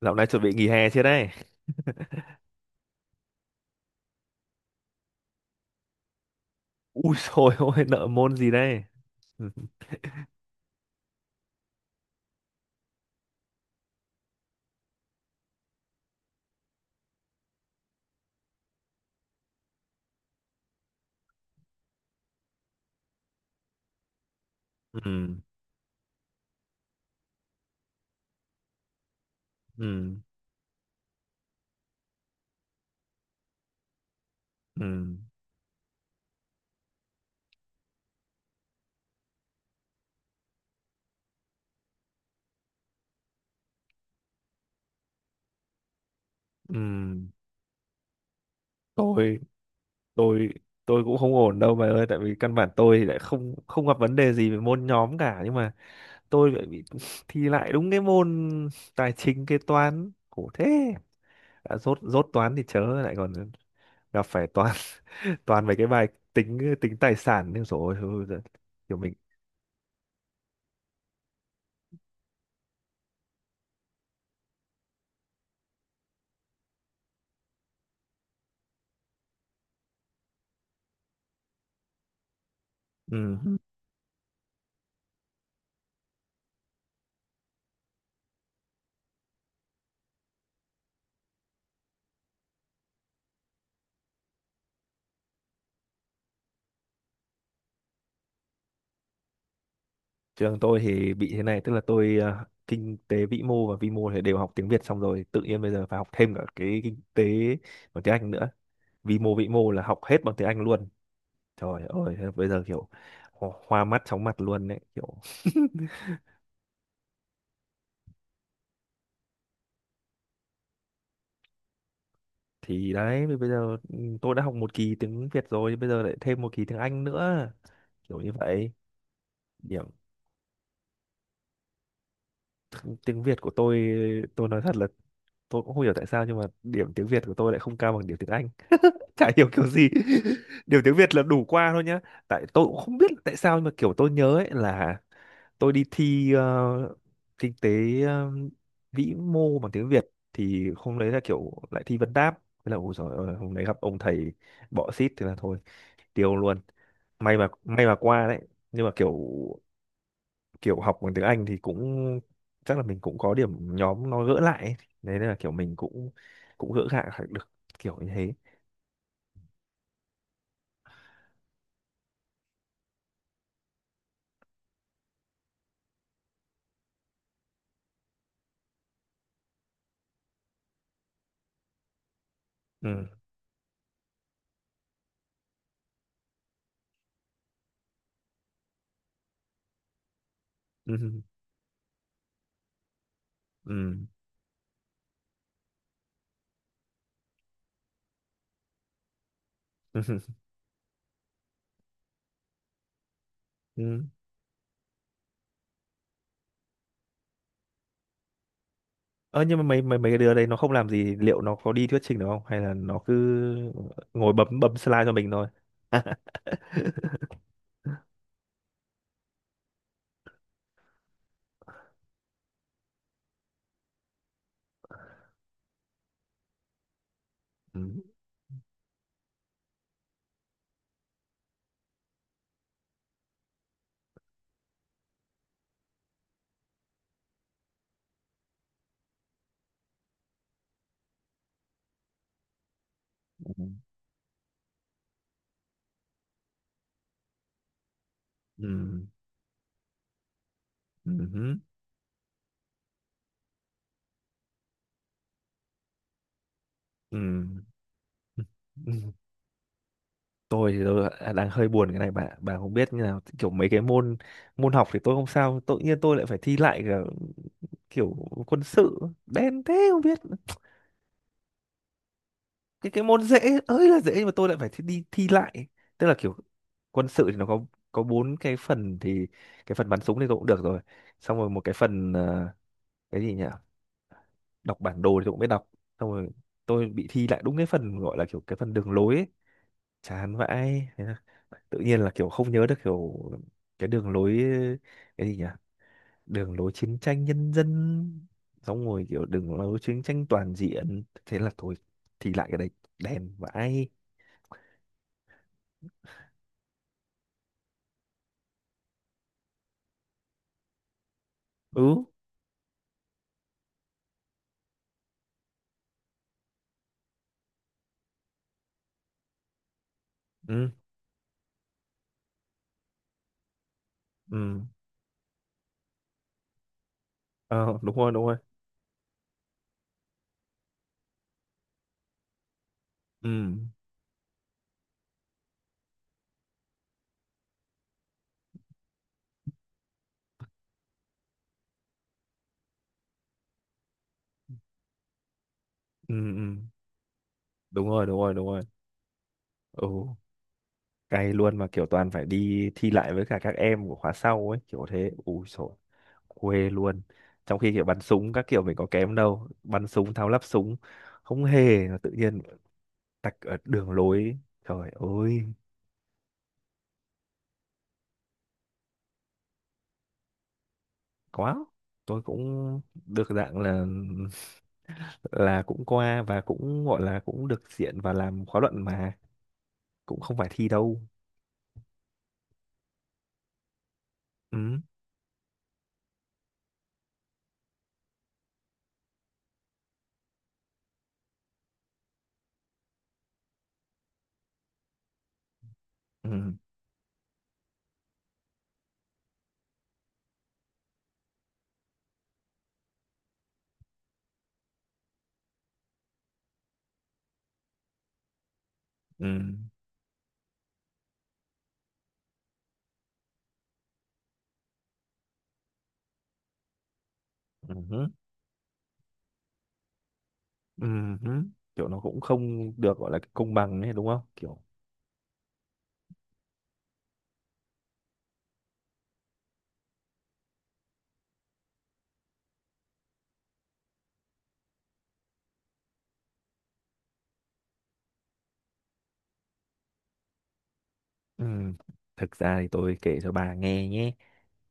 Dạo này chuẩn bị nghỉ hè chưa đây? Ui dồi ôi, nợ môn gì đây? Ừ, ừ, ừ, ừ. Ừ. Tôi, tôi, tôi cũng không ổn đâu bà ơi, tại vì căn bản tôi thì lại không không gặp vấn đề gì về môn nhóm cả, nhưng mà tôi lại bị thi lại đúng cái môn tài chính kế toán, khổ thế. Đã dốt dốt toán thì chớ lại còn gặp phải toán. Toàn mấy cái bài tính tính tài sản nhưng rồi kiểu mình. Ừ. Trường tôi thì bị thế này, tức là tôi, kinh tế vĩ mô và vi mô thì đều học tiếng Việt, xong rồi tự nhiên bây giờ phải học thêm cả cái kinh tế bằng tiếng Anh nữa. Vi mô vĩ mô là học hết bằng tiếng Anh luôn. Trời ơi, thế bây giờ kiểu hoa mắt chóng mặt luôn đấy kiểu. Thì đấy, bây bây giờ, ừ, tôi đã học một kỳ tiếng Việt rồi bây giờ lại thêm một kỳ tiếng Anh nữa, kiểu như vậy. Điểm tiếng Việt của tôi nói thật là tôi cũng không hiểu tại sao nhưng mà điểm tiếng Việt của tôi lại không cao bằng điểm tiếng Anh. Chả hiểu kiểu gì. Điều tiếng Việt là đủ qua thôi nhá. Tại tôi cũng không biết là tại sao nhưng mà kiểu tôi nhớ ấy là tôi đi thi, kinh tế, ờ, vĩ mô bằng tiếng Việt thì hôm đấy là kiểu lại thi vấn đáp. Thế là ôi giời ơi, hôm đấy gặp ông thầy bọ xít thì là thôi, tiêu luôn. May mà may mà qua đấy. Nhưng mà kiểu, kiểu học bằng tiếng Anh thì cũng chắc là mình cũng có điểm nhóm nó gỡ lại ấy. Đấy là kiểu mình cũng cũng gỡ gạc được kiểu như thế. Ừ. Ừ. Ừ. Ừ. Ơ nhưng mà mấy mấy mấy cái đứa đấy nó không làm gì thì liệu nó có đi thuyết trình được không, hay là nó cứ ngồi bấm bấm slide cho mình thôi? Ừ. Ừ. Ừ. Ừ. Ừ. Ừ. Tôi thì tôi đang hơi buồn cái này, bà không biết như nào kiểu mấy cái môn, môn học thì tôi không sao, tự nhiên tôi lại phải thi lại cả kiểu quân sự, đen thế không biết. Cái môn dễ ơi là dễ nhưng mà tôi lại phải thi, đi thi lại. Tức là kiểu quân sự thì nó có bốn cái phần thì cái phần bắn súng thì tôi cũng được rồi, xong rồi một cái phần, cái gì nhỉ, đọc bản đồ thì tôi cũng biết đọc. Xong rồi tôi bị thi lại đúng cái phần gọi là kiểu cái phần đường lối ấy. Chán vãi. Thế là tự nhiên là kiểu không nhớ được kiểu cái đường lối, cái gì nhỉ, đường lối chiến tranh nhân dân, xong rồi kiểu đường lối chiến tranh toàn diện, thế là thôi, thi lại cái đấy. Đèn vãi. Ừ. Ừ. Ừ. Ờ, đúng rồi đúng rồi. Ừ. Ừ. Ừ. Đúng rồi đúng rồi đúng rồi. Ừ. Cay luôn mà kiểu toàn phải đi thi lại với cả các em của khóa sau ấy, kiểu thế. Ui sổ quê luôn. Trong khi kiểu bắn súng các kiểu mình có kém đâu, bắn súng tháo lắp súng không hề, mà tự nhiên tạch ở đường lối. Trời ơi. Quá, tôi cũng được dạng là cũng qua và cũng gọi là cũng được diện và làm khóa luận mà, cũng không phải thi đâu. Ừ. Ừ. Ừ. Ừ hứ, ừ hứ. Kiểu nó cũng không được gọi là công bằng ấy, đúng không, kiểu. Ừ. Thực ra thì tôi kể cho bà nghe nhé.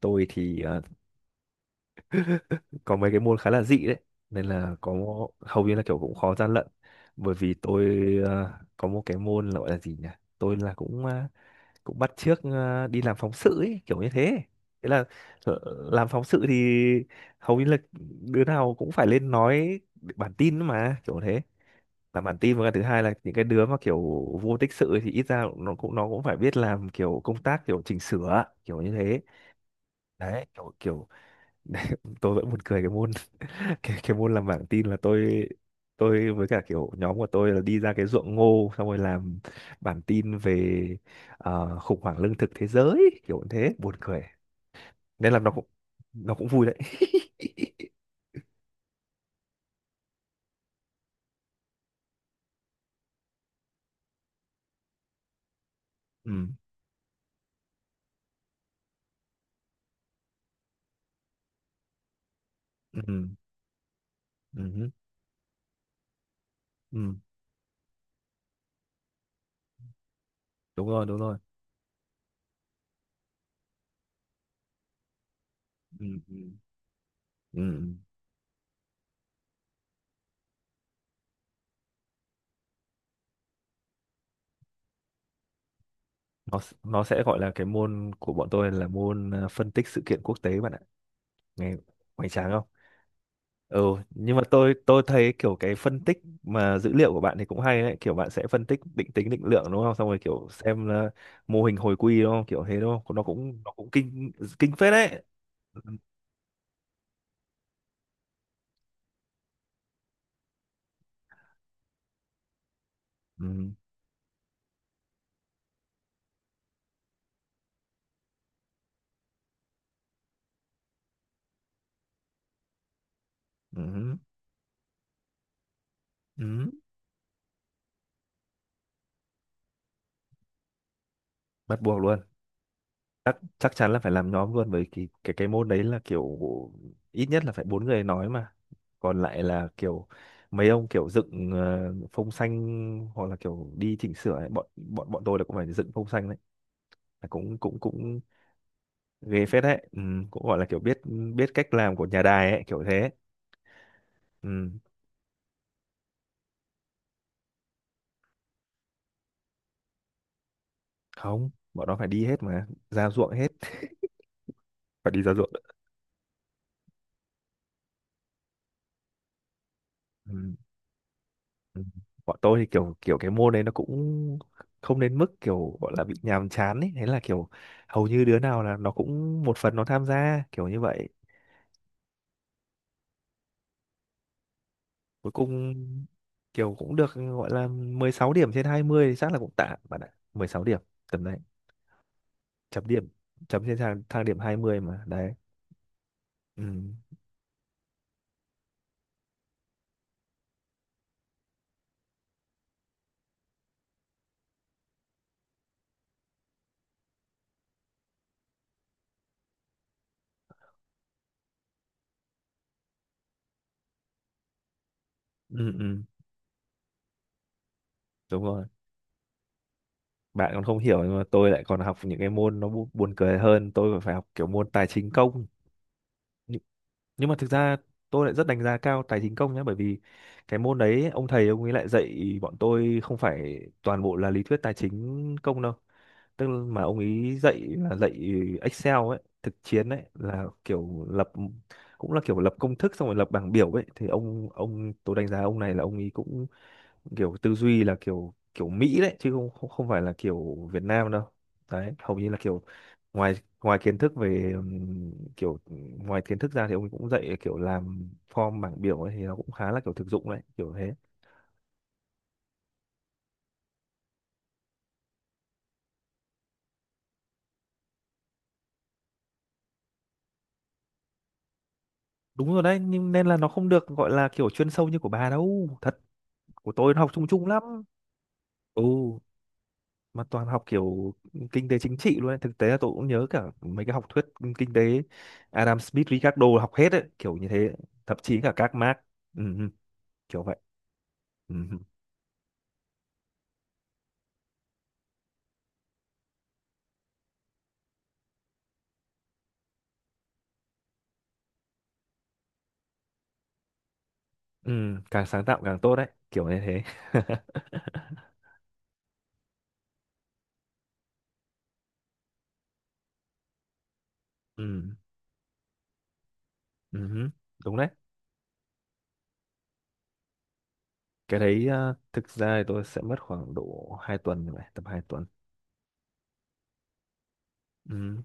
Tôi thì, có mấy cái môn khá là dị đấy nên là có hầu như là kiểu cũng khó gian lận, bởi vì tôi, có một cái môn là gọi là gì nhỉ, tôi là cũng, cũng bắt chước, đi làm phóng sự ấy, kiểu như thế. Thế là, ờ, làm phóng sự thì hầu như là đứa nào cũng phải lên nói bản tin mà kiểu thế. Làm bản tin và cái thứ hai là những cái đứa mà kiểu vô tích sự ấy thì ít ra nó cũng phải biết làm kiểu công tác kiểu chỉnh sửa kiểu như thế. Đấy kiểu kiểu. Tôi vẫn buồn cười cái môn. Cái môn làm bảng tin là tôi với cả kiểu nhóm của tôi là đi ra cái ruộng ngô xong rồi làm bản tin về, khủng hoảng lương thực thế giới, kiểu như thế, buồn cười. Nên là nó cũng vui đấy. Ừ. Ừ. Ừ. Ừ. Ừ. Đúng rồi đúng rồi. Ừ. Ừ. Ừ. Ừ. nó sẽ gọi là cái môn của bọn tôi là môn, phân tích sự kiện quốc tế bạn ạ. Nghe hoành tráng không? Ừ. Nhưng mà tôi thấy kiểu cái phân tích mà dữ liệu của bạn thì cũng hay đấy, kiểu bạn sẽ phân tích định tính định lượng đúng không, xong rồi kiểu xem là mô hình hồi quy đúng không kiểu thế, đúng không, nó cũng nó cũng kinh, kinh phết đấy. Ừ, ừ, ừ, ừ. Bắt buộc luôn. Chắc chắc chắn là phải làm nhóm luôn, bởi cái cái môn đấy là kiểu ít nhất là phải bốn người nói mà. Còn lại là kiểu mấy ông kiểu dựng, phông xanh hoặc là kiểu đi chỉnh sửa ấy. Bọn bọn bọn tôi là cũng phải dựng phông xanh đấy, là cũng cũng cũng ghê phết đấy. Ừ, cũng gọi là kiểu biết biết cách làm của nhà đài ấy kiểu thế. Ừ. Không, bọn nó phải đi hết mà, ra ruộng hết. Phải đi ra ruộng. Ừ. Ừ. Bọn tôi thì kiểu kiểu cái môn đấy nó cũng không đến mức kiểu gọi là bị nhàm chán ấy, thế là kiểu hầu như đứa nào là nó cũng một phần nó tham gia kiểu như vậy. Cuối cùng kiểu cũng được gọi là 16 điểm trên 20 thì chắc là cũng tạm bạn ạ. 16 điểm, tầm đấy. Chấm điểm, chấm trên thang, thang điểm 20 mà đấy. Ừ. Ừ, ừ. Đúng rồi, bạn còn không hiểu nhưng mà tôi lại còn học những cái môn nó buồn cười hơn, tôi còn phải học kiểu môn tài chính công. Nhưng mà thực ra tôi lại rất đánh giá cao tài chính công nhé, bởi vì cái môn đấy ông thầy ông ấy lại dạy bọn tôi không phải toàn bộ là lý thuyết tài chính công đâu. Tức là mà ông ấy dạy là dạy Excel ấy, thực chiến ấy, là kiểu lập, cũng là kiểu lập công thức xong rồi lập bảng biểu ấy, thì ông tôi đánh giá ông này là ông ấy cũng kiểu tư duy là kiểu kiểu Mỹ đấy, chứ không không không phải là kiểu Việt Nam đâu. Đấy hầu như là kiểu ngoài, ngoài kiến thức về, kiểu ngoài kiến thức ra thì ông ấy cũng dạy kiểu làm form bảng biểu ấy, thì nó cũng khá là kiểu thực dụng đấy kiểu thế. Đúng rồi đấy, nhưng nên là nó không được gọi là kiểu chuyên sâu như của bà đâu thật. Của tôi nó học chung chung lắm. Ừ, mà toàn học kiểu kinh tế chính trị luôn ấy. Thực tế là tôi cũng nhớ cả mấy cái học thuyết kinh tế Adam Smith, Ricardo học hết ấy kiểu như thế. Thậm chí cả các Marx. Ừ. Ừ. Kiểu vậy. Ừ. Ừ. Càng sáng tạo càng tốt đấy, kiểu như thế. Ừ. Ừ. Đúng đấy. Cái đấy, thực ra thì tôi sẽ mất khoảng độ 2 tuần như vậy, tầm 2 tuần. Ừ.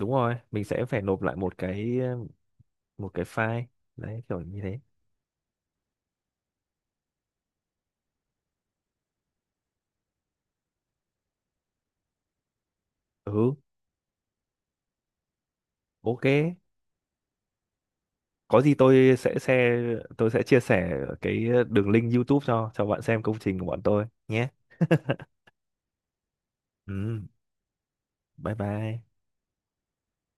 Đúng rồi, mình sẽ phải nộp lại một cái, một cái file, đấy kiểu như thế. Ừ. Ok, có gì tôi sẽ, tôi sẽ chia sẻ cái đường link YouTube cho bạn xem công trình của bọn tôi nhé. Ừ. Bye bye.